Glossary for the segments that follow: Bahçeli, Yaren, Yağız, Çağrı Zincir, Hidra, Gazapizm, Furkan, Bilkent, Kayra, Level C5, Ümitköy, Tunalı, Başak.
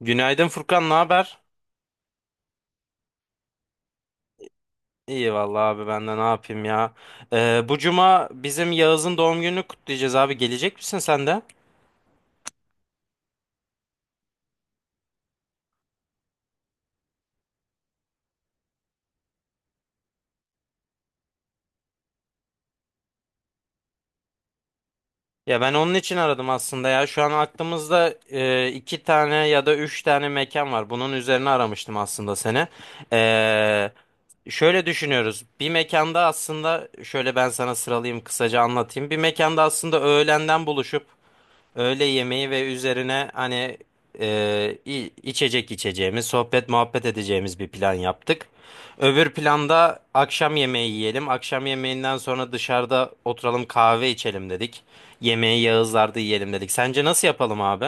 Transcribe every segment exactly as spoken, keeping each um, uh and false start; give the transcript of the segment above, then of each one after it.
Günaydın Furkan, ne haber? İyi vallahi abi ben de ne yapayım ya. Ee, bu cuma bizim Yağız'ın doğum gününü kutlayacağız abi. Gelecek misin sen de? Ya ben onun için aradım aslında ya. Şu an aklımızda e, iki tane ya da üç tane mekan var. Bunun üzerine aramıştım aslında seni. Ee, Şöyle düşünüyoruz. Bir mekanda aslında şöyle ben sana sıralayayım kısaca anlatayım. Bir mekanda aslında öğlenden buluşup öğle yemeği ve üzerine hani e, i- içecek içeceğimiz, sohbet muhabbet edeceğimiz bir plan yaptık. Öbür planda akşam yemeği yiyelim. Akşam yemeğinden sonra dışarıda oturalım kahve içelim dedik. Yemeği Yağızlar'da yiyelim dedik. Sence nasıl yapalım abi?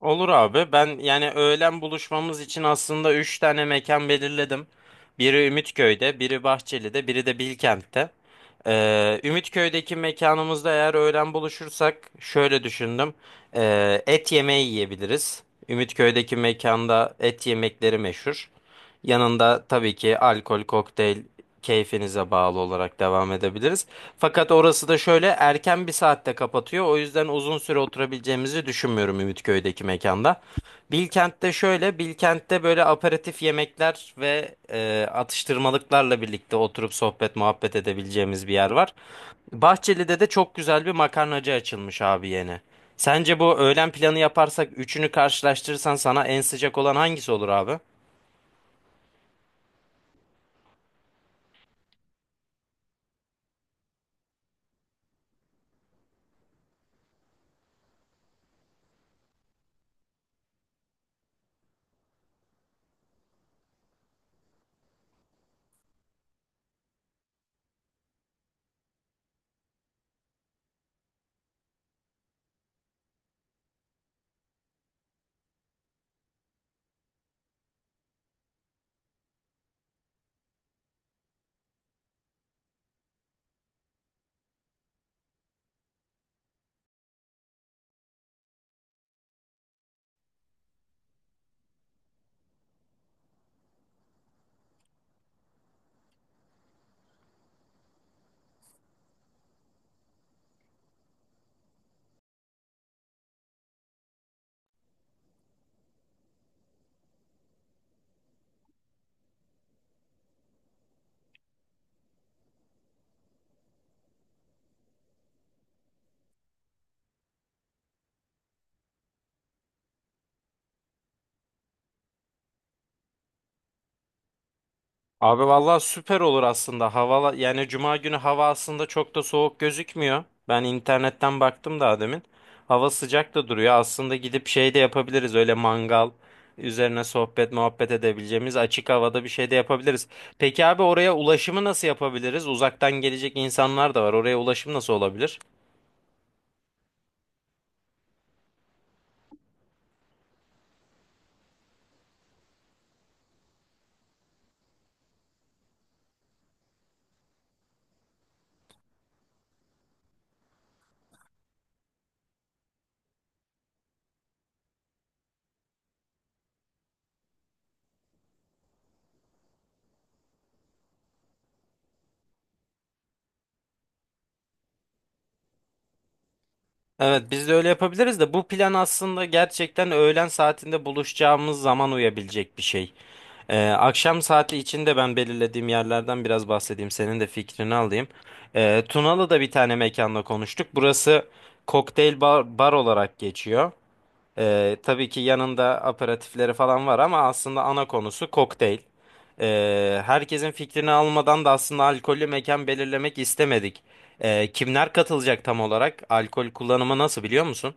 Olur abi. Ben yani öğlen buluşmamız için aslında üç tane mekan belirledim. Biri Ümitköy'de, biri Bahçeli'de, biri de Bilkent'te. Ee, Ümitköy'deki mekanımızda eğer öğlen buluşursak şöyle düşündüm. Ee, et yemeği yiyebiliriz. Ümitköy'deki mekanda et yemekleri meşhur. Yanında tabii ki alkol, kokteyl keyfinize bağlı olarak devam edebiliriz. Fakat orası da şöyle erken bir saatte kapatıyor. O yüzden uzun süre oturabileceğimizi düşünmüyorum Ümitköy'deki mekanda. Bilkent'te şöyle, Bilkent'te böyle aperatif yemekler ve e, atıştırmalıklarla birlikte oturup sohbet muhabbet edebileceğimiz bir yer var. Bahçeli'de de çok güzel bir makarnacı açılmış abi yeni. Sence bu öğlen planı yaparsak üçünü karşılaştırırsan sana en sıcak olan hangisi olur abi? Abi vallahi süper olur aslında. Hava yani cuma günü hava aslında çok da soğuk gözükmüyor. Ben internetten baktım daha demin. Hava sıcak da duruyor. Aslında gidip şey de yapabiliriz. Öyle mangal üzerine sohbet muhabbet edebileceğimiz açık havada bir şey de yapabiliriz. Peki abi oraya ulaşımı nasıl yapabiliriz? Uzaktan gelecek insanlar da var. Oraya ulaşım nasıl olabilir? Evet biz de öyle yapabiliriz de bu plan aslında gerçekten öğlen saatinde buluşacağımız zaman uyabilecek bir şey. Ee, akşam saati içinde ben belirlediğim yerlerden biraz bahsedeyim. Senin de fikrini alayım. Ee, Tunalı'da bir tane mekanla konuştuk. Burası kokteyl bar, bar olarak geçiyor. Ee, tabii ki yanında aperatifleri falan var ama aslında ana konusu kokteyl. Ee, herkesin fikrini almadan da aslında alkollü mekan belirlemek istemedik. Ee, kimler katılacak tam olarak? Alkol kullanımı nasıl biliyor musun?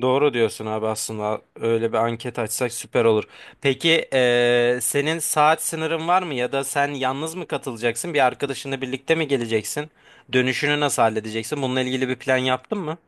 Doğru diyorsun abi, aslında öyle bir anket açsak süper olur. Peki ee, senin saat sınırın var mı ya da sen yalnız mı katılacaksın? Bir arkadaşınla birlikte mi geleceksin? Dönüşünü nasıl halledeceksin? Bununla ilgili bir plan yaptın mı?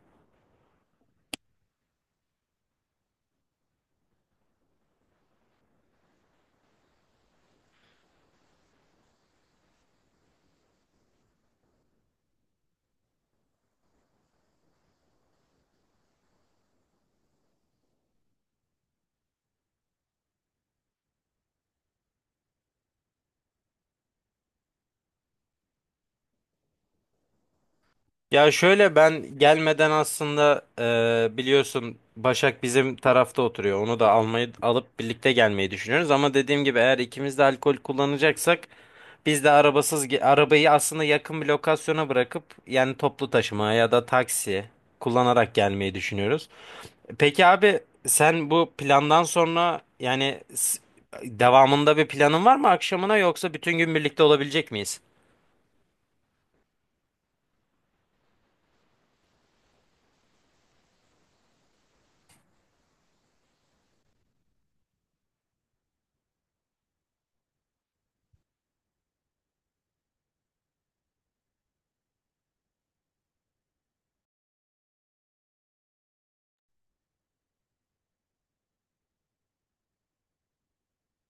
Ya şöyle, ben gelmeden aslında e, biliyorsun Başak bizim tarafta oturuyor. Onu da almayı alıp birlikte gelmeyi düşünüyoruz. Ama dediğim gibi eğer ikimiz de alkol kullanacaksak biz de arabasız ge- arabayı aslında yakın bir lokasyona bırakıp yani toplu taşıma ya da taksi kullanarak gelmeyi düşünüyoruz. Peki abi, sen bu plandan sonra yani s- devamında bir planın var mı akşamına, yoksa bütün gün birlikte olabilecek miyiz?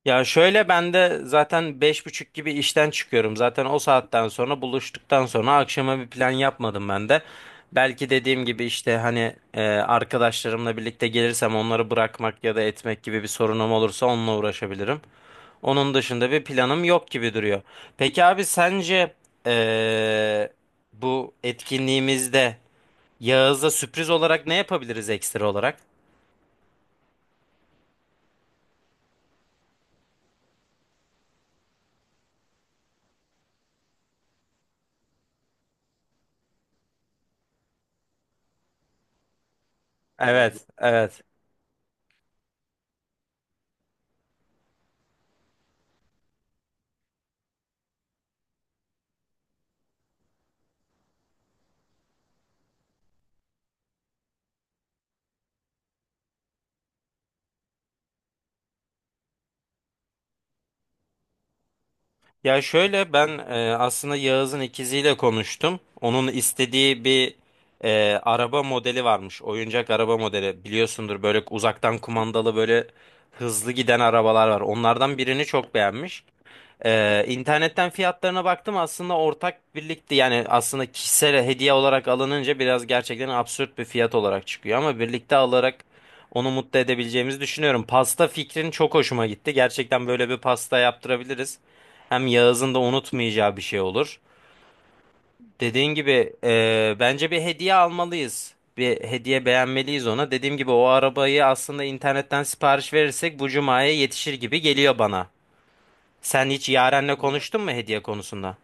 Ya şöyle, ben de zaten beş buçuk gibi işten çıkıyorum. Zaten o saatten sonra buluştuktan sonra akşama bir plan yapmadım ben de. Belki dediğim gibi işte hani e, arkadaşlarımla birlikte gelirsem onları bırakmak ya da etmek gibi bir sorunum olursa onunla uğraşabilirim. Onun dışında bir planım yok gibi duruyor. Peki abi sence e, bu etkinliğimizde Yağız'a sürpriz olarak ne yapabiliriz ekstra olarak? Evet, evet. Ya şöyle, ben e, aslında Yağız'ın ikiziyle konuştum. Onun istediği bir e, araba modeli varmış. Oyuncak araba modeli. Biliyorsundur, böyle uzaktan kumandalı böyle hızlı giden arabalar var. Onlardan birini çok beğenmiş. Ee, internetten fiyatlarına baktım, aslında ortak birlikte yani aslında kişisel hediye olarak alınınca biraz gerçekten absürt bir fiyat olarak çıkıyor ama birlikte alarak onu mutlu edebileceğimizi düşünüyorum. Pasta fikrin çok hoşuma gitti. Gerçekten böyle bir pasta yaptırabiliriz. Hem Yağız'ın da unutmayacağı bir şey olur. Dediğin gibi e, bence bir hediye almalıyız. Bir hediye beğenmeliyiz ona. Dediğim gibi o arabayı aslında internetten sipariş verirsek bu cumaya yetişir gibi geliyor bana. Sen hiç Yaren'le konuştun mu hediye konusunda?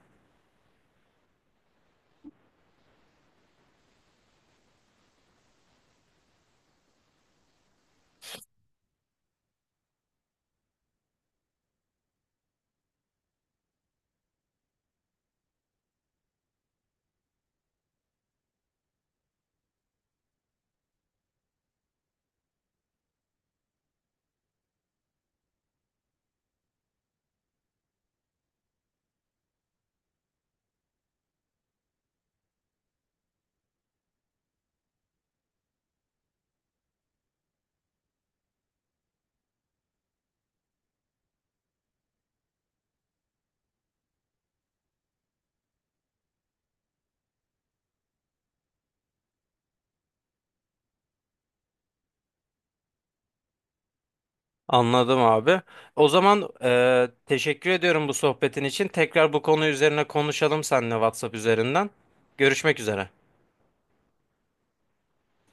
Anladım abi. O zaman e, teşekkür ediyorum bu sohbetin için. Tekrar bu konu üzerine konuşalım seninle WhatsApp üzerinden. Görüşmek üzere.